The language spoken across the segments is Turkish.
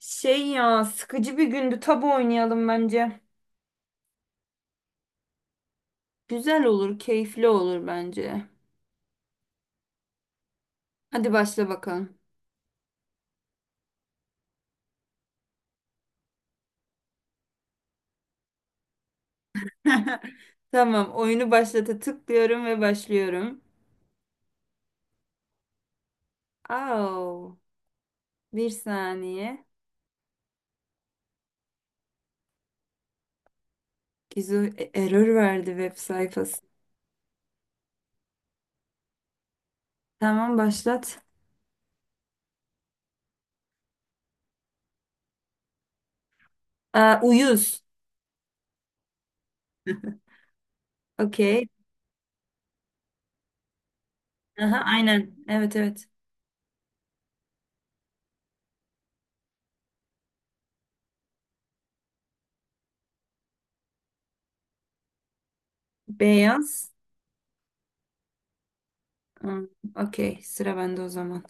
Şey, ya, sıkıcı bir gündü. Tabu oynayalım bence. Güzel olur, keyifli olur bence. Hadi başla bakalım. Tamam, oyunu başlata tıklıyorum ve başlıyorum. Au, bir saniye. Gizu error verdi web sayfası. Tamam başlat. Aa, uyuz. Okey. Aha, aynen. Evet, evet. Beyaz. Hmm, okey, sıra bende o zaman.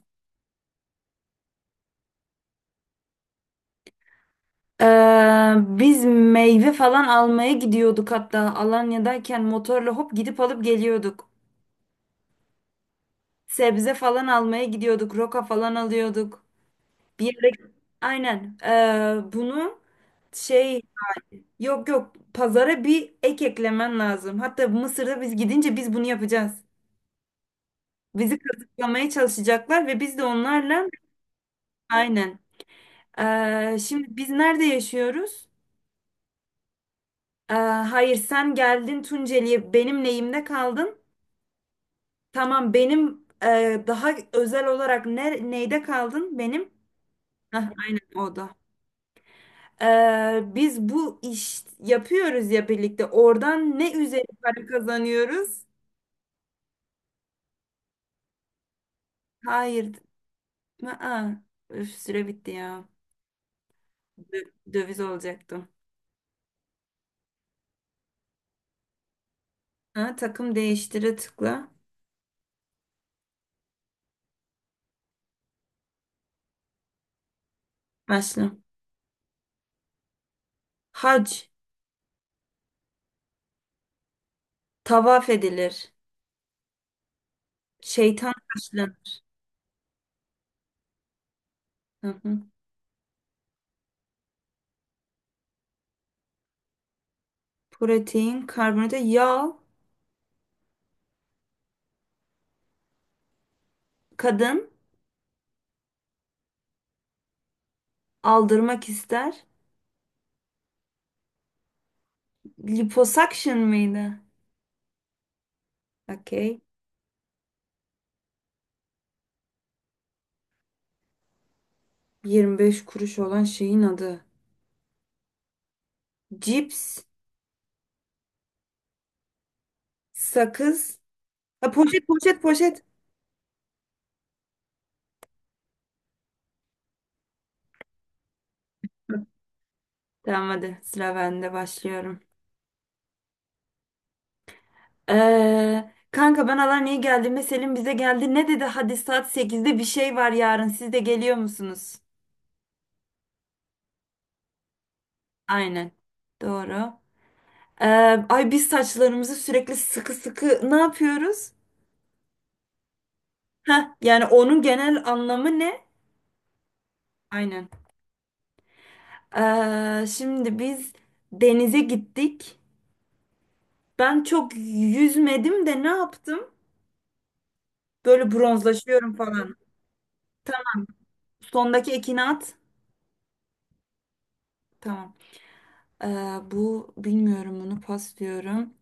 Biz meyve falan almaya gidiyorduk, hatta Alanya'dayken motorla hop gidip alıp geliyorduk. Sebze falan almaya gidiyorduk, roka falan alıyorduk. Bir yere aynen bunu şey, yok yok, pazara bir eklemen lazım. Hatta Mısır'da biz gidince biz bunu yapacağız. Bizi kazıklamaya çalışacaklar ve biz de onlarla aynen. Şimdi biz nerede yaşıyoruz? Ee, hayır, sen geldin Tunceli'ye, benim lehimde kaldın. Tamam, benim daha özel olarak neyde kaldın benim? Hah, aynen o da. E, biz bu iş yapıyoruz ya birlikte. Oradan ne üzeri para kazanıyoruz? Hayır. Aa, üf, süre bitti ya. Döviz olacaktım. Ha, takım değiştire tıkla. Başla. Hac. Tavaf edilir. Şeytan taşlanır. Hı hı. Protein, karbonhidrat, yağ. Kadın aldırmak ister. Liposuction mıydı? Okey. 25 kuruş olan şeyin adı. Cips, sakız. Ha, poşet, poşet, poşet. Tamam, hadi sıra bende, başlıyorum. Kanka, ben Alanya'ya geldiğimde Selim bize geldi. Ne dedi? Hadi, saat sekizde bir şey var yarın. Siz de geliyor musunuz? Aynen. Doğru. Ee, Ay, biz saçlarımızı sürekli sıkı sıkı ne yapıyoruz? Heh, yani onun genel anlamı ne? Aynen. Şimdi biz denize gittik. Ben çok yüzmedim de ne yaptım? Böyle bronzlaşıyorum falan. Sondaki ekini at. Tamam. Ee, Bu bilmiyorum, bunu pas diyorum.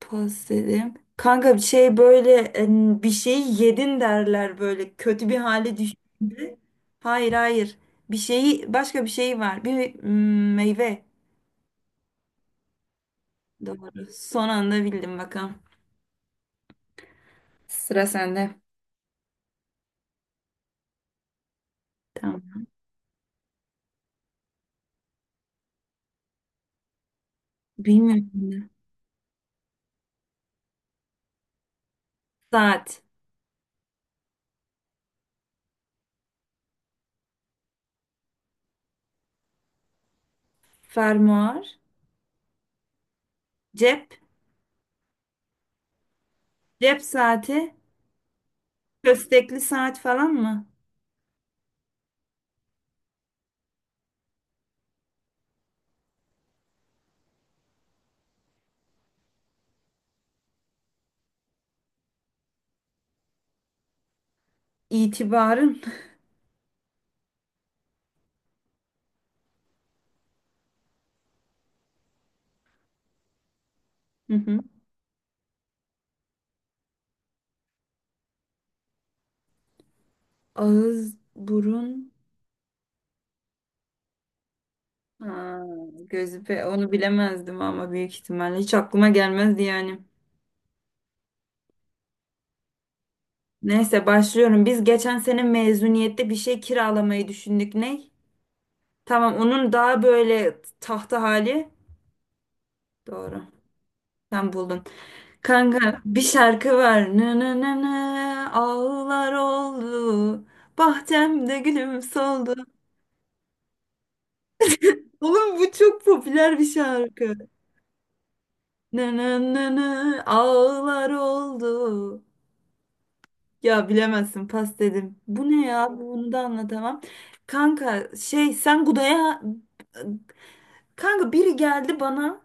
Pas dedim. Kanka, bir şey böyle bir şeyi yedin derler böyle kötü bir hale düştüğünde. Hayır, hayır. Bir şeyi başka bir şey var. Bir meyve. Doğru. Son anda bildim bakalım. Sıra sende. Tamam. Bilmiyorum. Saat. Fermuar, cep, cep saati, köstekli saat falan mı? İtibarın. Hı hı. Ağız, burun, ha, gözü pe onu bilemezdim ama büyük ihtimalle hiç aklıma gelmezdi yani. Neyse, başlıyorum. Biz geçen sene mezuniyette bir şey kiralamayı düşündük. Ne? Tamam, onun daha böyle tahta hali. Doğru. Sen buldun. Kanka, bir şarkı var. Nı nı nı nı, ağlar oldu. Bahçemde gülüm soldu. Oğlum, bu çok popüler bir şarkı. Nı nı nı nı, ağlar oldu. Ya bilemezsin, pas dedim. Bu ne ya? Bunu da anlatamam. Kanka şey, sen Guda'ya... Kanka, biri geldi bana.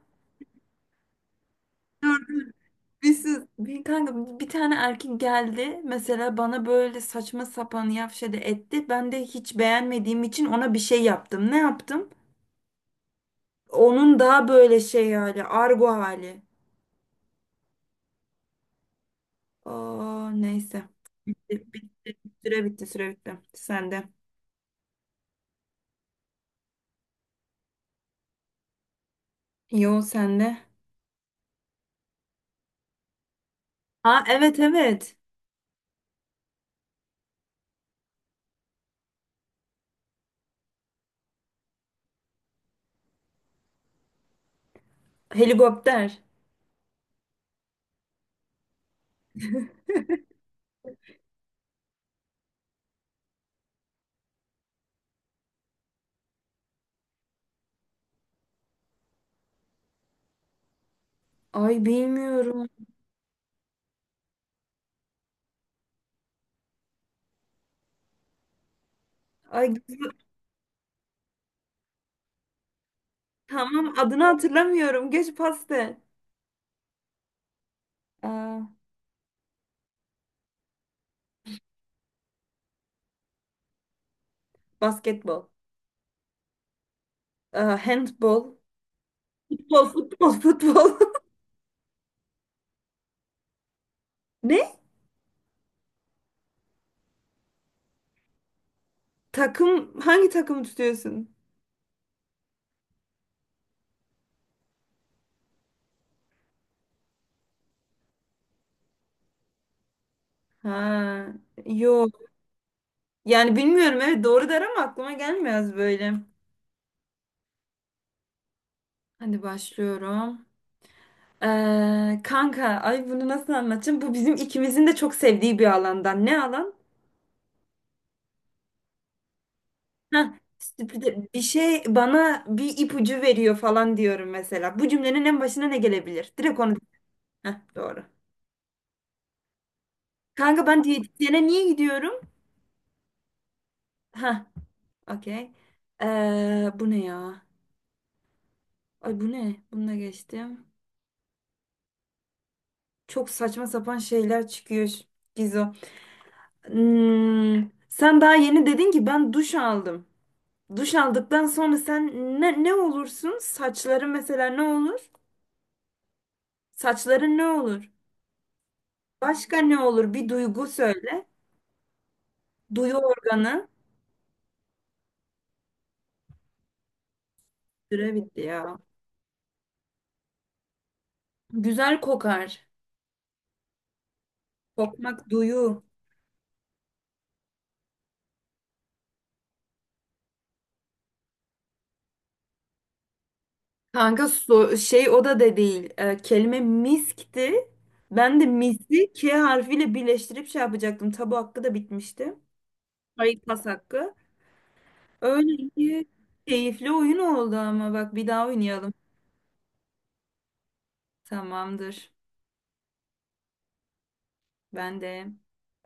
Bir kanka, bir tane erkek geldi mesela bana, böyle saçma sapan yavşadı etti. Ben de hiç beğenmediğim için ona bir şey yaptım. Ne yaptım? Onun daha böyle şey hali, argo hali. Aa, neyse. Bitti, süre bitti, süre bitti. Sende. Yo, sende. Ha, evet, evet. Helikopter. Ay, bilmiyorum. Ay gü- tamam, adını hatırlamıyorum. Geç pasta. Aa, basketbol. Aa, handbol. Futbol, futbol, futbol. Ne? Hangi takımı tutuyorsun? Ha, yok. Yani bilmiyorum, evet doğru der ama aklıma gelmez böyle. Hadi başlıyorum. Kanka, ay bunu nasıl anlatacağım? Bu bizim ikimizin de çok sevdiği bir alandan. Ne alan? Heh, bir şey bana bir ipucu veriyor falan diyorum mesela. Bu cümlenin en başına ne gelebilir? Direkt onu. Heh, doğru. Kanka, ben diyetisyene niye gidiyorum? Heh, okey. Bu ne ya? Ay, bu ne? Bunu da geçtim. Çok saçma sapan şeyler çıkıyor Gizo. Hmm, sen daha yeni dedin ki ben duş aldım. Duş aldıktan sonra sen ne olursun? Saçların mesela ne olur? Saçların ne olur? Başka ne olur? Bir duygu söyle. Duyu organı. Süre bitti ya. Güzel kokar. Kokmak, duyu. Kanka, şey o da de değil. Kelime miskti. Ben de misi K harfiyle birleştirip şey yapacaktım. Tabu hakkı da bitmişti. Hayır, pas hakkı. Öyle ki keyifli oyun oldu ama bak, bir daha oynayalım. Tamamdır. Ben de.